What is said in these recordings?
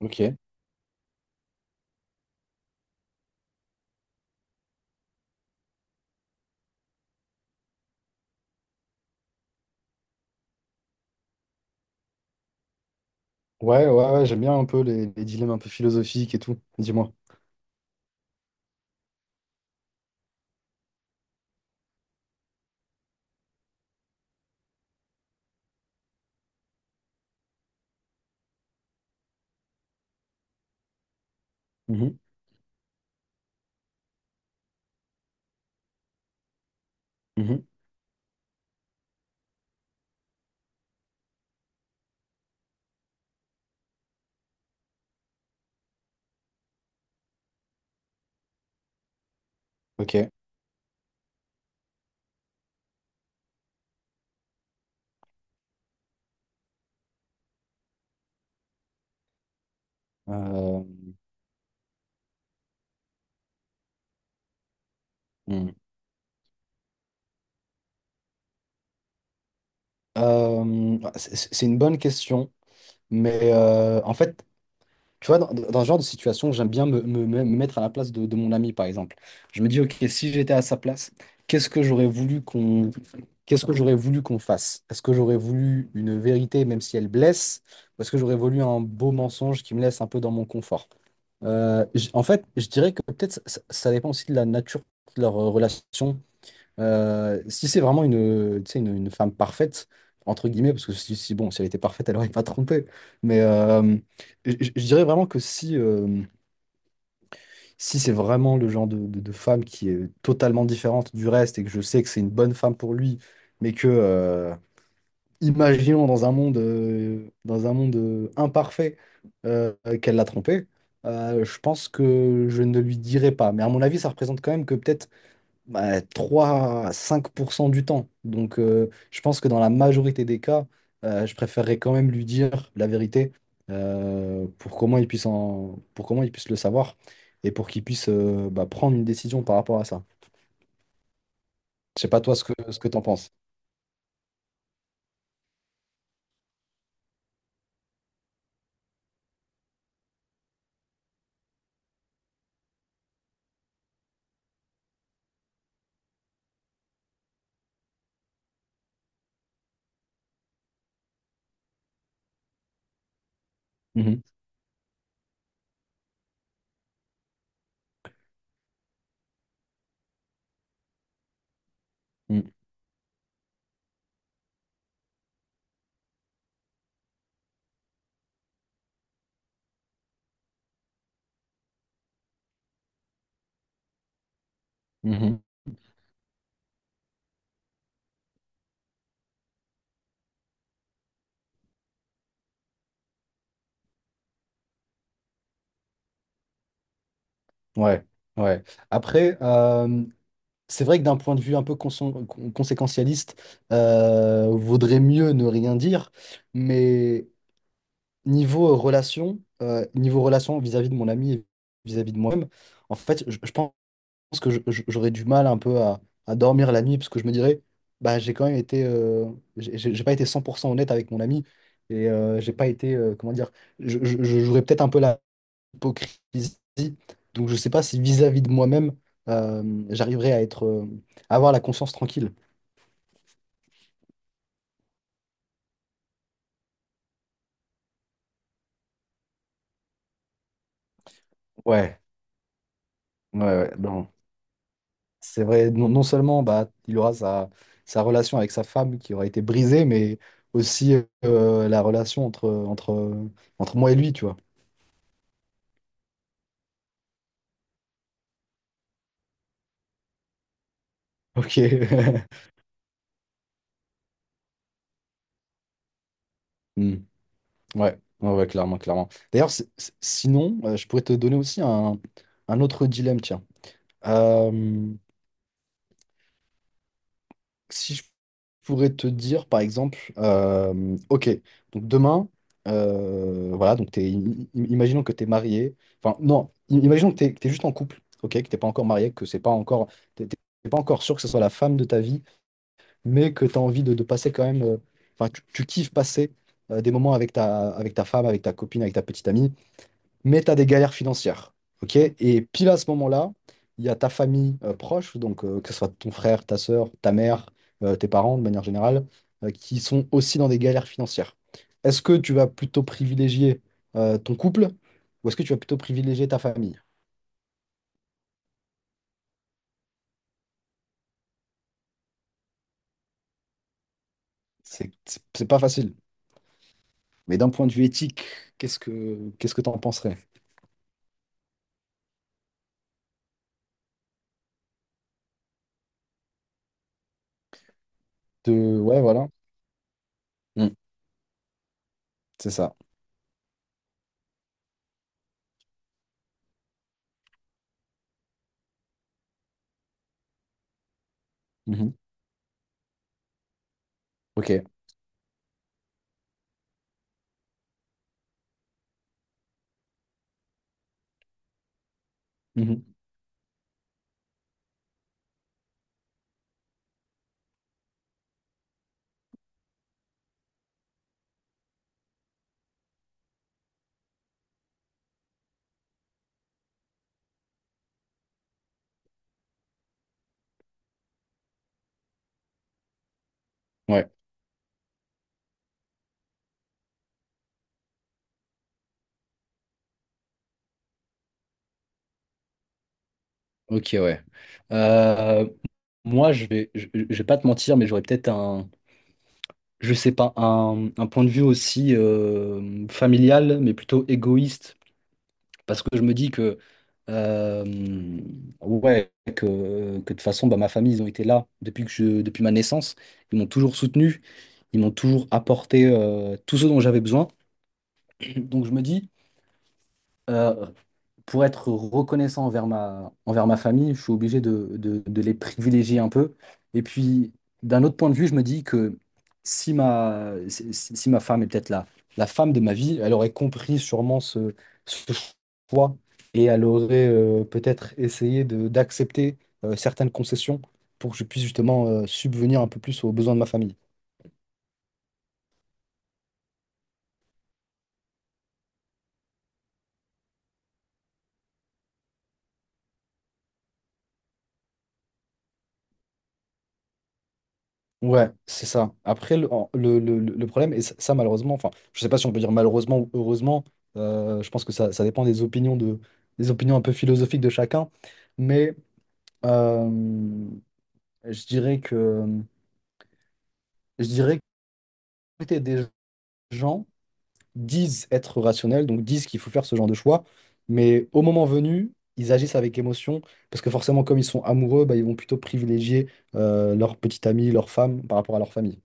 Ok. Ouais, ouais, ouais, j'aime bien un peu les dilemmes un peu philosophiques et tout. Dis-moi. Mhm, mhm, Ok. Euh, hmm. C'est une bonne question, mais en fait, tu vois, dans ce genre de situation, j'aime bien me mettre à la place de, mon ami, par exemple. Je me dis, OK, si j'étais à sa place, qu'est-ce que j'aurais voulu qu'on qu'est-ce que j'aurais voulu qu'on fasse? Est-ce que j'aurais voulu une vérité, même si elle blesse, ou est-ce que j'aurais voulu un beau mensonge qui me laisse un peu dans mon confort? En fait, je dirais que peut-être ça dépend aussi de la nature de leur relation, si c'est vraiment une, tu sais, une femme parfaite, entre guillemets, parce que si, si, bon, si elle était parfaite, elle n'aurait pas trompé. Mais je dirais vraiment que si, si c'est vraiment le genre de, de femme qui est totalement différente du reste et que je sais que c'est une bonne femme pour lui, mais que, imaginons dans un monde imparfait, euh, qu'elle l'a trompé, je pense que je ne lui dirais pas. Mais à mon avis, ça représente quand même que peut-être bah, 3 à 5% du temps. Donc, je pense que dans la majorité des cas, je préférerais quand même lui dire la vérité pour comment il puisse le savoir et pour qu'il puisse bah, prendre une décision par rapport à ça. Je sais pas toi ce que, t'en penses. Mhm. Mhm. Mhm. Ouais, ouais. Après, c'est vrai que d'un point de vue un peu conséquentialiste, vaudrait mieux ne rien dire, mais niveau relation, niveau relation vis-à-vis de mon ami et vis-à-vis de moi-même, en fait, je pense que j'aurais du mal un peu à dormir la nuit parce que je me dirais, bah, j'ai quand même été, j'ai pas été 100% honnête avec mon ami et j'ai pas été, comment dire, je jouerais peut-être un peu la hypocrisie. Donc, je sais pas si vis-à-vis de moi-même, j'arriverais à être, à avoir la conscience tranquille. Ouais, ouais, ouais, non. C'est vrai, non, non seulement bah, il aura sa relation avec sa femme qui aura été brisée, mais aussi la relation entre moi et lui, tu vois. Ok. Hmm. Ouais. Ouais, ouais, clairement, clairement. D'ailleurs, sinon, je pourrais te donner aussi un autre dilemme, tiens. Euh, Si je pourrais te dire, par exemple, ok, donc demain, voilà, donc t'es, imaginons que tu es marié, enfin non, imaginons que tu es, juste en couple, ok, que t'es pas encore marié, que c'est pas encore, t'es t'es- t'es pas encore sûr que ce soit la femme de ta vie, mais que tu as envie de, passer quand même, enfin tu kiffes passer des moments avec ta, femme, avec ta copine, avec ta petite amie, mais tu as des galères financières. Ok. Et pile à ce moment-là, il y a ta famille proche, donc que ce soit ton frère, ta sœur, ta mère, tes parents de manière générale, qui sont aussi dans des galères financières. Est-ce que tu vas plutôt privilégier ton couple ou est-ce que tu vas plutôt privilégier ta famille? C'est pas facile. Mais d'un point de vue éthique, qu'est-ce que t'en penserais? Ouais, voilà. Mm, c'est ça. Mhm. Ok. Mhm. Ouais. Ok, ouais. Euh, moi, je vais pas te mentir, mais j'aurais peut-être un, je sais pas, un point de vue aussi familial, mais plutôt égoïste, parce que je me dis que, euh, ouais, que de toute façon, bah, ma famille, ils ont été là depuis ma naissance. Ils m'ont toujours soutenu, ils m'ont toujours apporté tout ce dont j'avais besoin. Donc je me dis, euh, pour être reconnaissant envers ma famille, je suis obligé de, les privilégier un peu. Et puis, d'un autre point de vue, je me dis que si ma femme est peut-être la, femme de ma vie, elle aurait compris sûrement ce, ce choix et elle aurait peut-être essayé d'accepter certaines concessions pour que je puisse justement subvenir un peu plus aux besoins de ma famille. Ouais, c'est ça. Après, le, en- le, le problème, et ça, malheureusement, enfin, je sais pas si on peut dire malheureusement ou heureusement, je pense que ça dépend des opinions de, des opinions un peu philosophiques de chacun, mais euh, je dirais que, je dirais que la majorité des gens disent être rationnels, donc disent qu'il faut faire ce genre de choix, mais au moment venu, ils agissent avec émotion, parce que forcément, comme ils sont amoureux, bah, ils vont plutôt privilégier leur petite amie, leur femme par rapport à leur famille.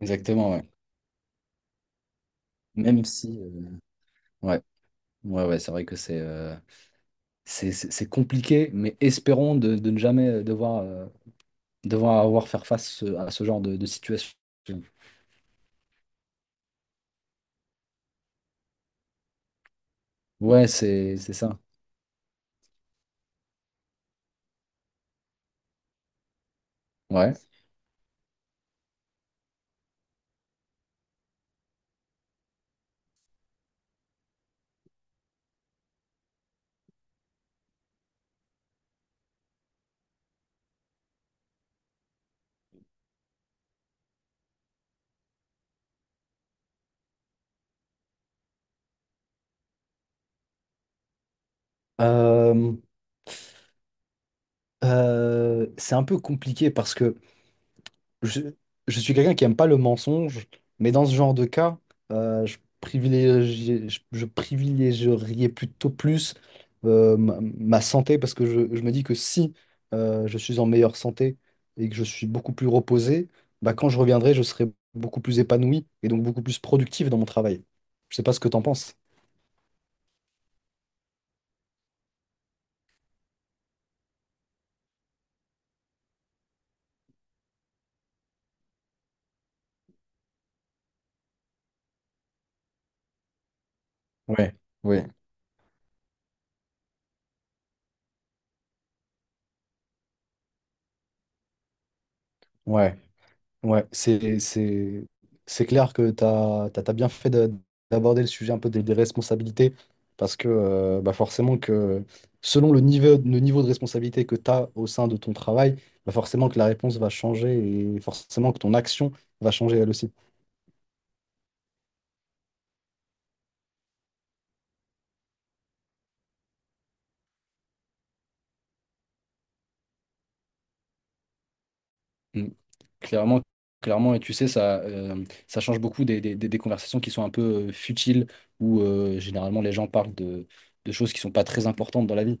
Exactement, ouais. Même si, ouais. Ouais, ouais, c'est vrai que c'est c'est compliqué, mais espérons de, ne jamais devoir avoir faire face à ce genre de, situation. Ouais, c'est ça. Ouais. Euh, c'est un peu compliqué parce que je, je suis quelqu'un qui aime pas le mensonge, mais dans ce genre de cas, je privilégierais plutôt plus ma, santé parce que je me dis que si je suis en meilleure santé et que je suis beaucoup plus reposé, bah, quand je reviendrai, je serai beaucoup plus épanoui et donc beaucoup plus productif dans mon travail. Je sais pas ce que tu en penses. Ouais, ouais, ouais. Ouais, c'est clair que tu as, bien fait d'aborder le sujet un peu des, responsabilités, parce que bah forcément que selon le niveau de responsabilité que tu as au sein de ton travail, bah forcément que la réponse va changer et forcément que ton action va changer elle aussi. Mm. Clairement, clairement, et tu sais, ça change beaucoup des conversations qui sont un peu futiles, où généralement les gens parlent de, choses qui sont pas très importantes dans la vie.